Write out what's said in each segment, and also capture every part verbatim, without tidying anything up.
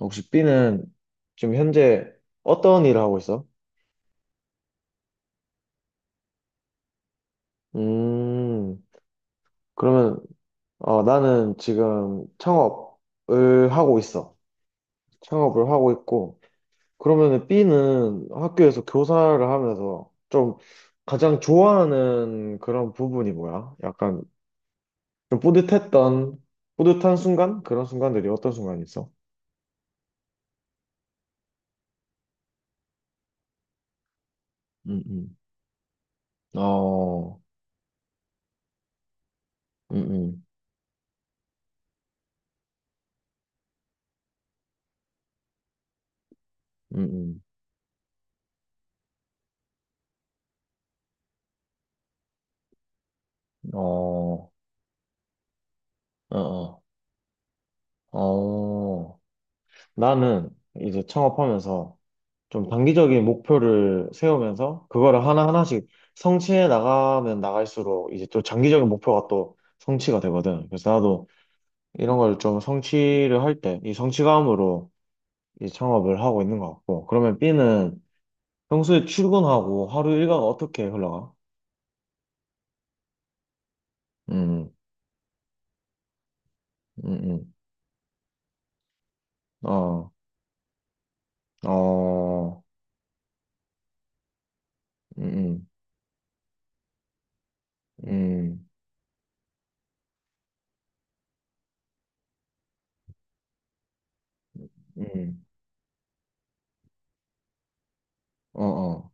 혹시 B는 지금 현재 어떤 일을 하고 있어? 음, 그러면 어, 나는 지금 창업을 하고 있어. 창업을 하고 있고, 그러면 B는 학교에서 교사를 하면서 좀 가장 좋아하는 그런 부분이 뭐야? 약간 좀 뿌듯했던, 뿌듯한 순간? 그런 순간들이 어떤 순간이 있어? 음, 음. 어, 음, 음, 음, 음. 어, 어, 어. 어. 나는 이제 창업하면서 좀 단기적인 목표를 세우면서 그거를 하나하나씩 성취해 나가면 나갈수록 이제 또 장기적인 목표가 또 성취가 되거든. 그래서 나도 이런 걸 좀 성취를 할 때 이 성취감으로 이 창업을 하고 있는 것 같고. 그러면 B는 평소에 출근하고 하루 일과가 어떻게 흘러가? 음, 음, 음, 음. 어, 어, 음, 음, 음, 음, 어, 어,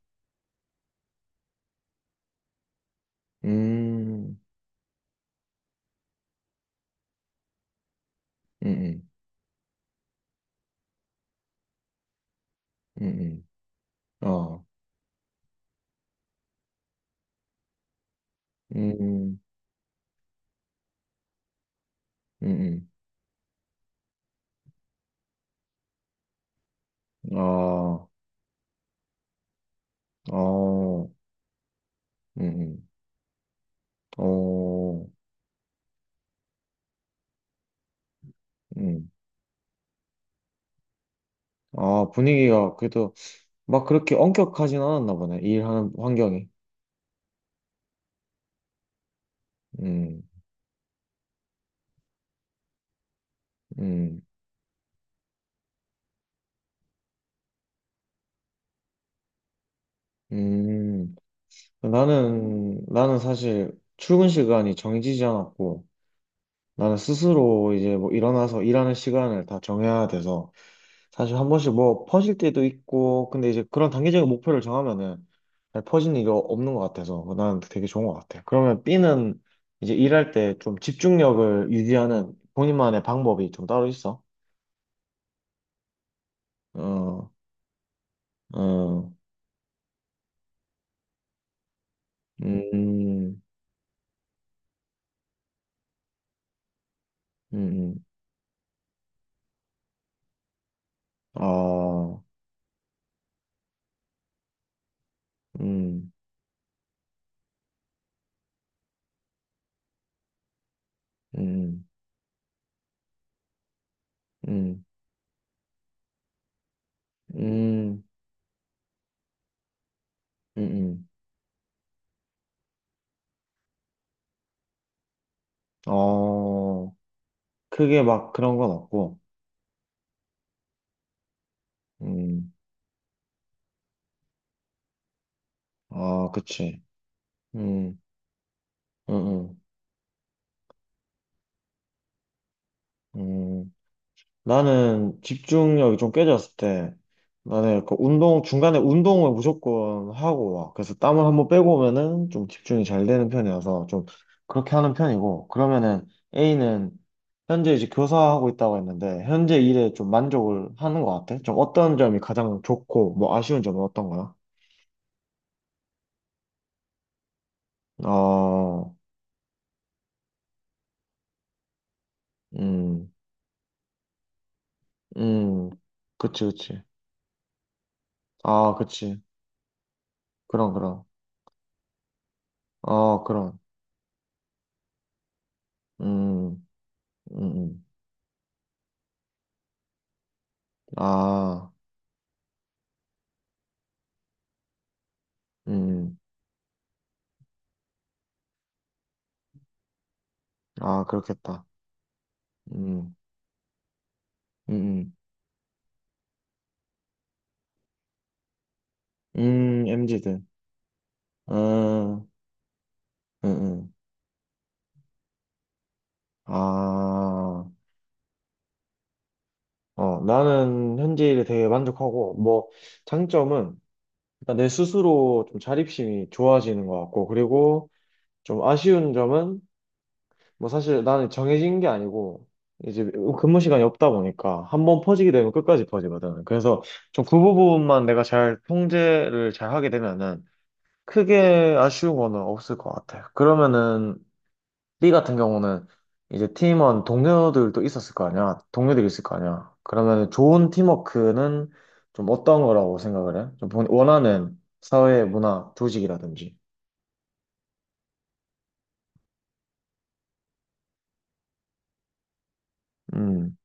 음, 음, 음, 음, 음. 어. 음, 음, 음. 아, 어, 음, 음. 어, 음. 아, 분위기가 그래도 막 그렇게 엄격하진 않았나 보네. 일하는 환경이. 음, 음, 음. 나는, 나는 사실 출근 시간이 정해지지 않았고, 나는 스스로 이제 뭐 일어나서 일하는 시간을 다 정해야 돼서, 사실 한 번씩 뭐 퍼질 때도 있고, 근데 이제 그런 단기적인 목표를 정하면은 잘 퍼지는 일이 없는 것 같아서 난 되게 좋은 것 같아. 그러면 B는 이제 일할 때 좀 집중력을 유지하는 본인만의 방법이 좀 따로 있어? 어, 어. 음, 음, 음. 어. 음, 음, 음, 음, 음, 음. 어, 크게 막 그런 건 없고, 음, 아, 그치, 음, 음, 음. 음. 나는 집중력이 좀 깨졌을 때 나는 그 운동 중간에 운동을 무조건 하고 와. 그래서 땀을 한번 빼고 오면은 좀 집중이 잘 되는 편이어서 좀 그렇게 하는 편이고 그러면은 A는 현재 이제 교사하고 있다고 했는데 현재 일에 좀 만족을 하는 것 같아. 좀 어떤 점이 가장 좋고 뭐 아쉬운 점은 어떤 거야? 어, 음, 음, 그치, 그치. 아, 그치. 그럼, 그럼. 어, 그럼. 음, 음, 음. 아. 음. 아, 그렇겠다. 음, 음, 음, 음, 엠지들. 음, 음, 음. 아, 어, 나는 현재 일에 되게 만족하고, 뭐, 장점은 일단 내 스스로 좀 자립심이 좋아지는 것 같고, 그리고 좀 아쉬운 점은, 뭐, 사실 나는 정해진 게 아니고, 이제 근무 시간이 없다 보니까 한번 퍼지게 되면 끝까지 퍼지거든. 그래서 좀 그 부분만 내가 잘 통제를 잘 하게 되면은 크게 아쉬운 거는 없을 것 같아요. 그러면은 B 같은 경우는 이제 팀원 동료들도 있었을 거 아니야. 동료들이 있을 거 아니야. 그러면 좋은 팀워크는 좀 어떤 거라고 생각을 해? 좀 본- 원하는 사회 문화 조직이라든지. 음,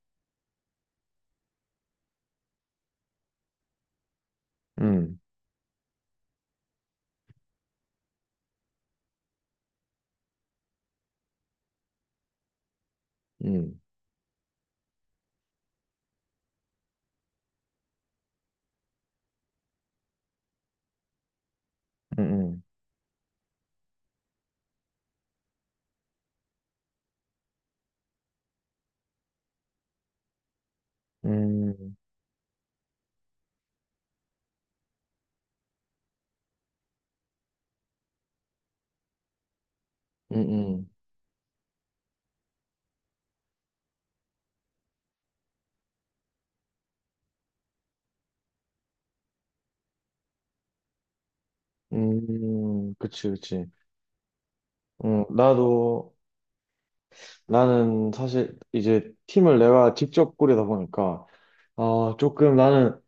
음, 음, 음, 음, 음, 음, 음, 음, 그치, 그치. 음, 나도, 나는 사실 이제 팀을 내가 직접 꾸리다 보니까 어, 조금 나는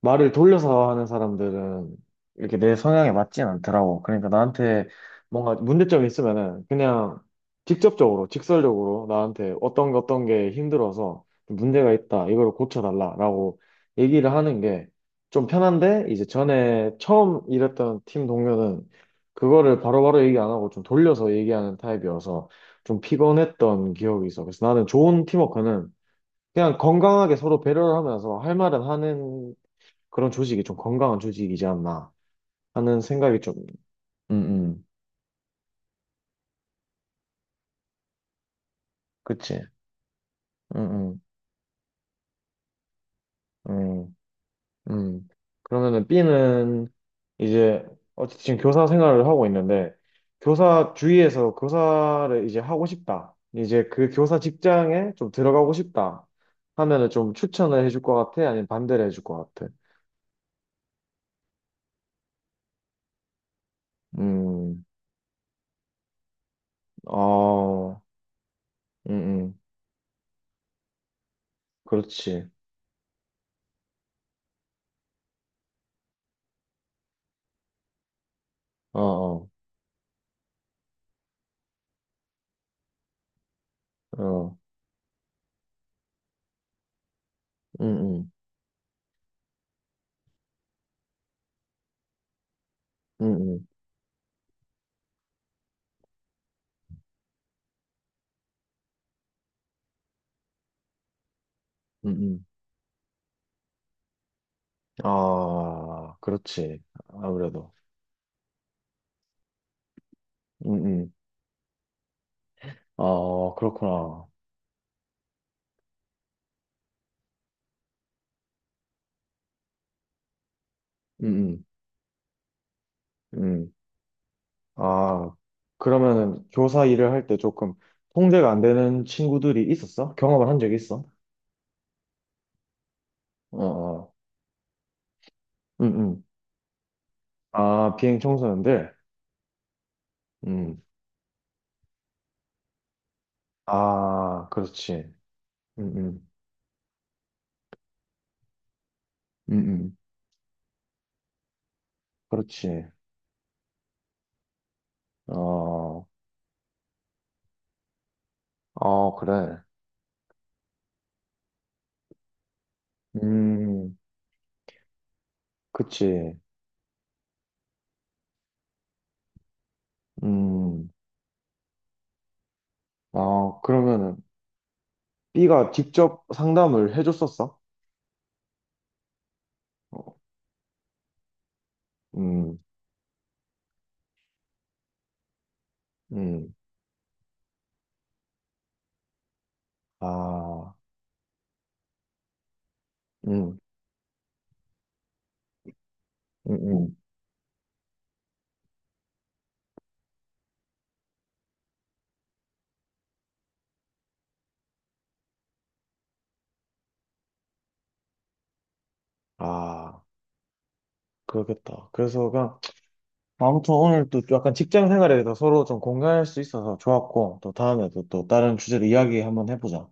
말을 돌려서 하는 사람들은 이렇게 내 성향에 맞진 않더라고. 그러니까 나한테 뭔가 문제점이 있으면은 그냥 직접적으로, 직설적으로 나한테 어떤 게 어떤 게 힘들어서 문제가 있다. 이걸 고쳐달라라고 얘기를 하는 게 좀 편한데 이제 전에 처음 일했던 팀 동료는 그거를 바로바로 얘기 안 하고 좀 돌려서 얘기하는 타입이어서 좀 피곤했던 기억이 있어. 그래서 나는 좋은 팀워크는 그냥 건강하게 서로 배려를 하면서 할 말은 하는 그런 조직이 좀 건강한 조직이지 않나 하는 생각이 좀, 음, 음, 그치. 음, 음, 음, 음. 그러면은 B는 이제, 어쨌든 지금 교사 생활을 하고 있는데, 교사 주위에서 교사를 이제 하고 싶다. 이제 그 교사 직장에 좀 들어가고 싶다. 하면은 좀 추천을 해줄 것 같아? 아니면 반대를 해줄 것 같아? 음, 어, 음, 음, 그렇지. 어, 어. 어. 음, 음, 음, 음, 음. 음. 아, 그렇지. 아무래도. 음, 음. 아, 그렇구나. 음, 음, 음. 아, 그러면은 교사 일을 할 때 조금 통제가 안 되는 친구들이 있었어? 경험을 한 적이 있어? 어, 어. 음, 음. 아, 비행 청소년들? 음. 아, 그렇지. 음, 음. 음, 음. 그렇지. 어, 어, 그래. 음, 그치. 음, 아, 그러면은 B가 직접 상담을 해줬었어? 어, 음, 음, 아, 음, 음, 음. 아, 그렇겠다. 그래서 그냥, 아무튼 오늘 또 약간 직장 생활에 대해서 서로 좀 공감할 수 있어서 좋았고, 또 다음에도 또 다른 주제로 이야기 한번 해보자.